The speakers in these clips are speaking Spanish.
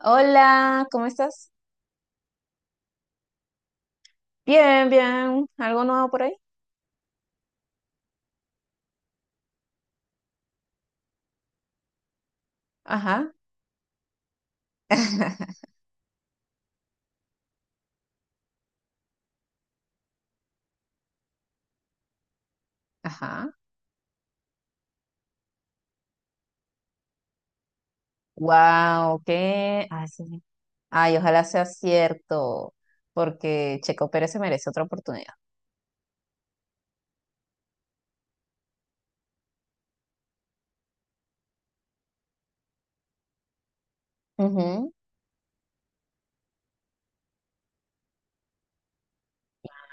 Hola, ¿cómo estás? Bien, bien. ¿Algo nuevo por ahí? Ajá. Ajá. Wow, qué. Ay, sí. Ay, ojalá sea cierto, porque Checo Pérez se merece otra oportunidad. Ujú.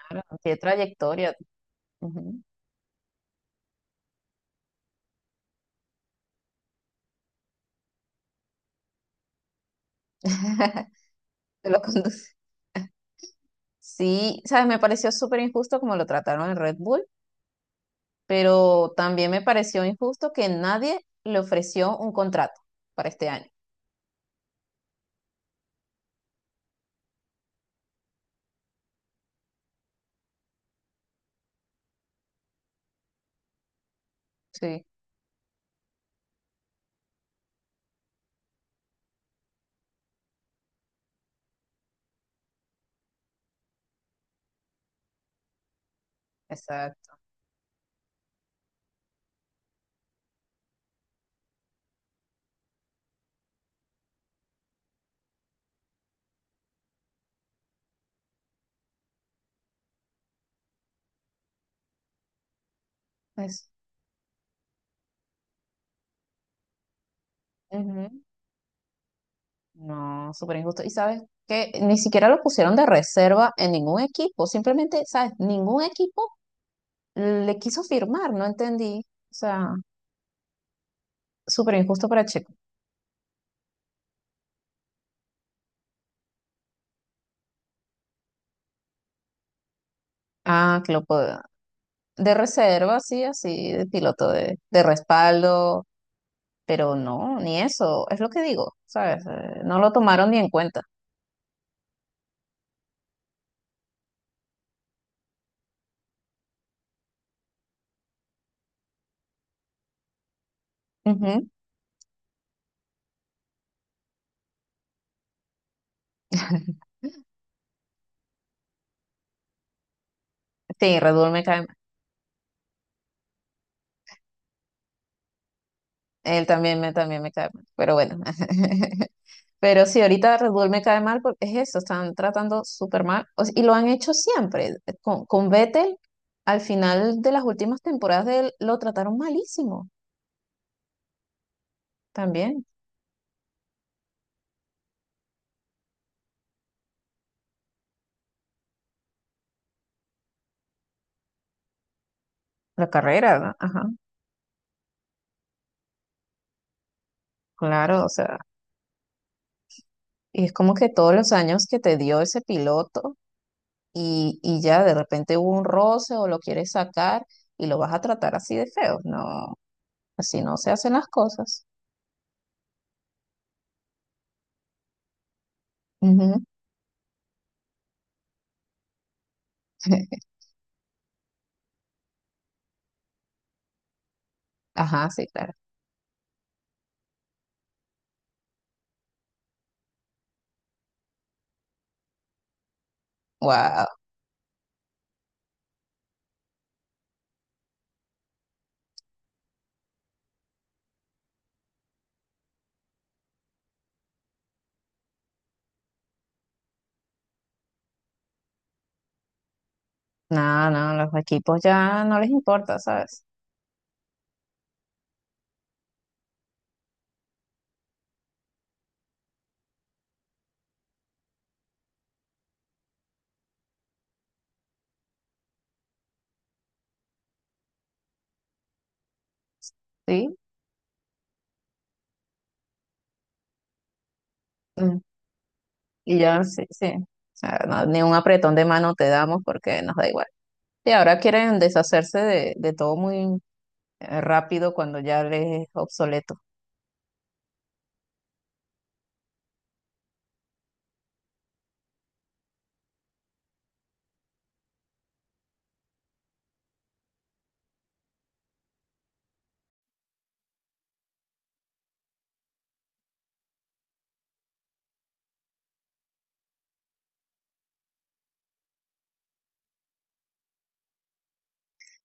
Claro, tiene trayectoria. Ujú. Se lo conduce. Sí, sabes, me pareció súper injusto como lo trataron en Red Bull, pero también me pareció injusto que nadie le ofreció un contrato para este año. Sí, exacto. Eso. No, súper injusto. Y sabes que ni siquiera lo pusieron de reserva en ningún equipo. Simplemente, ¿sabes? Ningún equipo le quiso firmar, no entendí. O sea, súper injusto para Checo. Ah, que lo pueda. De reserva, sí, así, de piloto de respaldo. Pero no, ni eso. Es lo que digo, ¿sabes? No lo tomaron ni en cuenta. Ujú. Sí, Red Bull me cae. Él también me cae mal, pero bueno. Pero sí, ahorita Red Bull me cae mal porque es eso, están tratando súper mal. Y lo han hecho siempre. Con Vettel, al final de las últimas temporadas de él, lo trataron malísimo también. La carrera, ¿no? Ajá, claro, o sea, y es como que todos los años que te dio ese piloto y ya de repente hubo un roce o lo quieres sacar y lo vas a tratar así de feo. No, así no se hacen las cosas. Ujú. Ajá, sí, claro. Wow. No, no, los equipos ya no les importa, ¿sabes? Sí. mm, Y ya, sí, sí. O sea, no, ni un apretón de mano te damos porque nos da igual. Y ahora quieren deshacerse de todo muy rápido cuando ya les es obsoleto.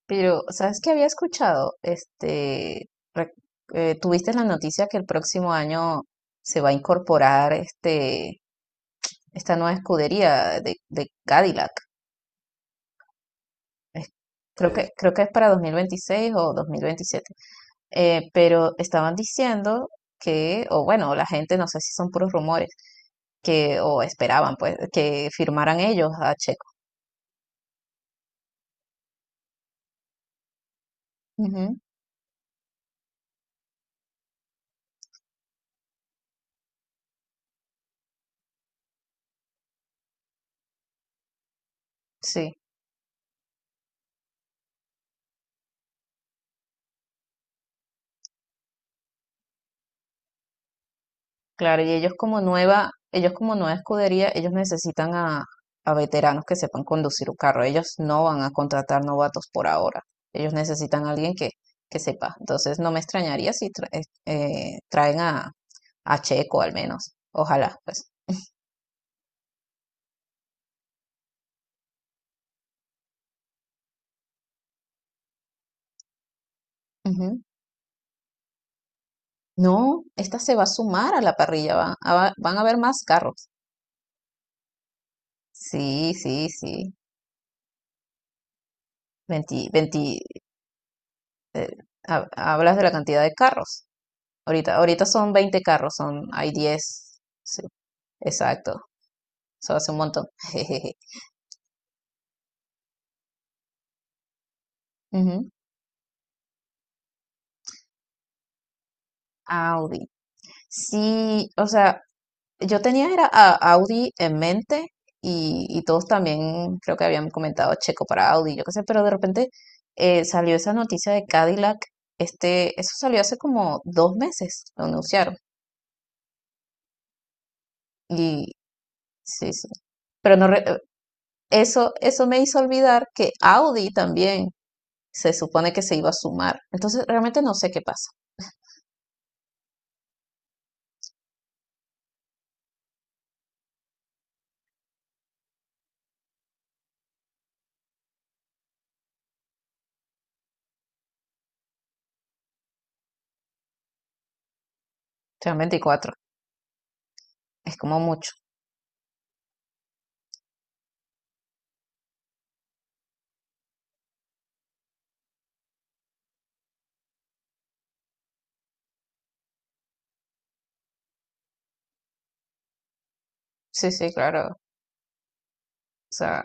Pero, ¿sabes qué había escuchado? Re- tuviste la noticia que el próximo año se va a incorporar esta nueva escudería de Cadillac. Es- creo que es para 2026 o 2027. Pero estaban diciendo o bueno, la gente, no sé si son puros rumores, o esperaban, pues, que firmaran ellos a Checo. Ujú, sí, claro, y ellos como nueva escudería, ellos necesitan a veteranos que sepan conducir un carro. Ellos no van a contratar novatos por ahora. Ellos necesitan a alguien que sepa. Entonces, no me extrañaría si traen a Checo al menos. Ojalá, pues. No, esta se va a sumar a la parrilla, van a haber más carros. Sí, sí, sí. 20, 20. eh, hablas de la cantidad de carros. Ahorita son 20 carros, hay 10. Sí, exacto. Eso hace un montón. Jejeje. Ujú. Audi. Sí, o sea, yo tenía era a Audi en mente y todos también creo que habían comentado Checo para Audi, yo qué sé, pero de repente salió esa noticia de Cadillac, eso salió hace como 2 meses, lo anunciaron y sí, sí, pero no, eso me hizo olvidar que Audi también se supone que se iba a sumar, entonces realmente no sé qué pasa. Sean 24, es como mucho. Sí, sí, claro. O sea,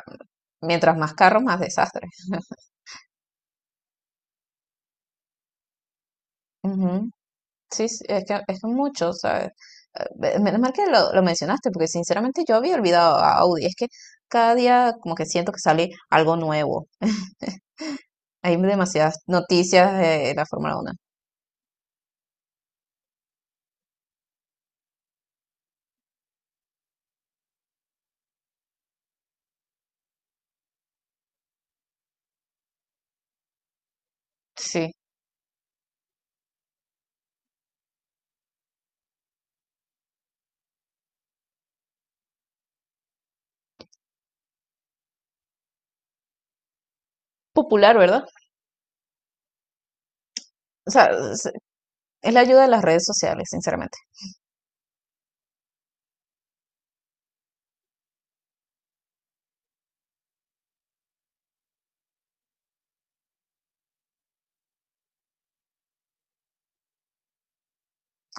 mientras más carros, más desastre. Ujú. Sí, sí, es que mucho, ¿sabes? Eh, Menos mal que lo mencionaste, porque sinceramente yo había olvidado a Audi. Es que cada día como que siento que sale algo nuevo. Hay demasiadas noticias de la Fórmula Uno. Sí. Popular, ¿verdad? O sea, es la ayuda de las redes sociales, sinceramente.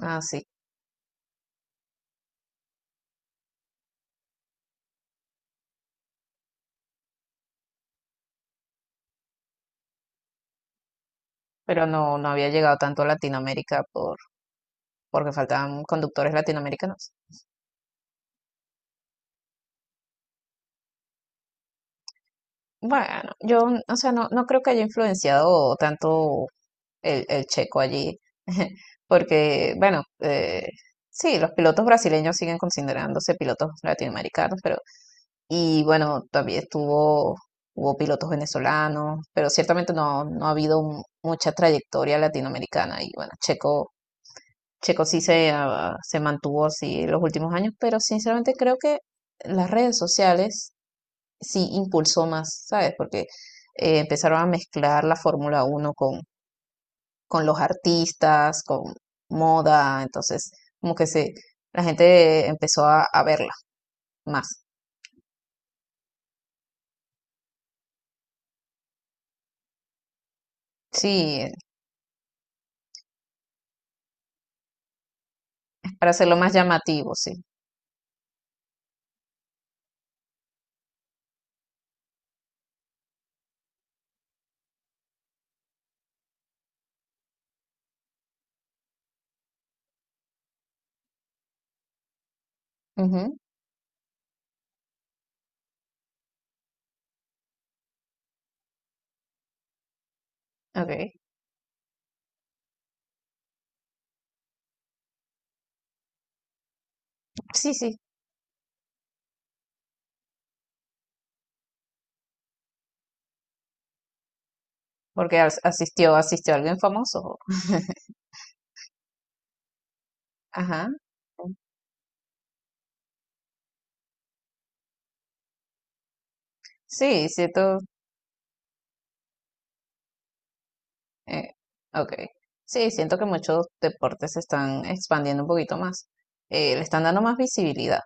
Ah, sí. Pero no, no había llegado tanto a Latinoamérica porque faltaban conductores latinoamericanos. Bueno, yo, o sea, no, no creo que haya influenciado tanto el checo allí, porque, bueno, sí, los pilotos brasileños siguen considerándose pilotos latinoamericanos, pero, y bueno, también estuvo, hubo pilotos venezolanos, pero ciertamente no, no ha habido mucha trayectoria latinoamericana, y bueno, Checo, Checo sí se mantuvo así en los últimos años, pero sinceramente creo que las redes sociales sí impulsó más, ¿sabes? Porque empezaron a mezclar la Fórmula uno con los artistas, con moda, entonces como que la gente empezó a verla más. Sí, para hacerlo más llamativo, sí. Ujú, ok. Sí, sí, porque asistió alguien famoso. Ajá. Sí, siento, eh, ok. Sí, siento que muchos deportes se están expandiendo un poquito más. Le están dando más visibilidad.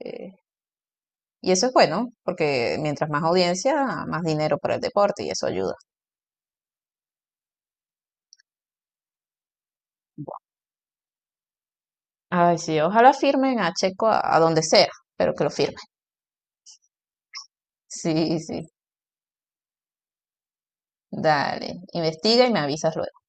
eh, y eso es bueno, porque mientras más audiencia, más dinero para el deporte y eso ayuda. Ay, sí, ojalá firmen a Checo a donde sea, pero que lo firmen. Sí, sí, dale, investiga y me avisas luego.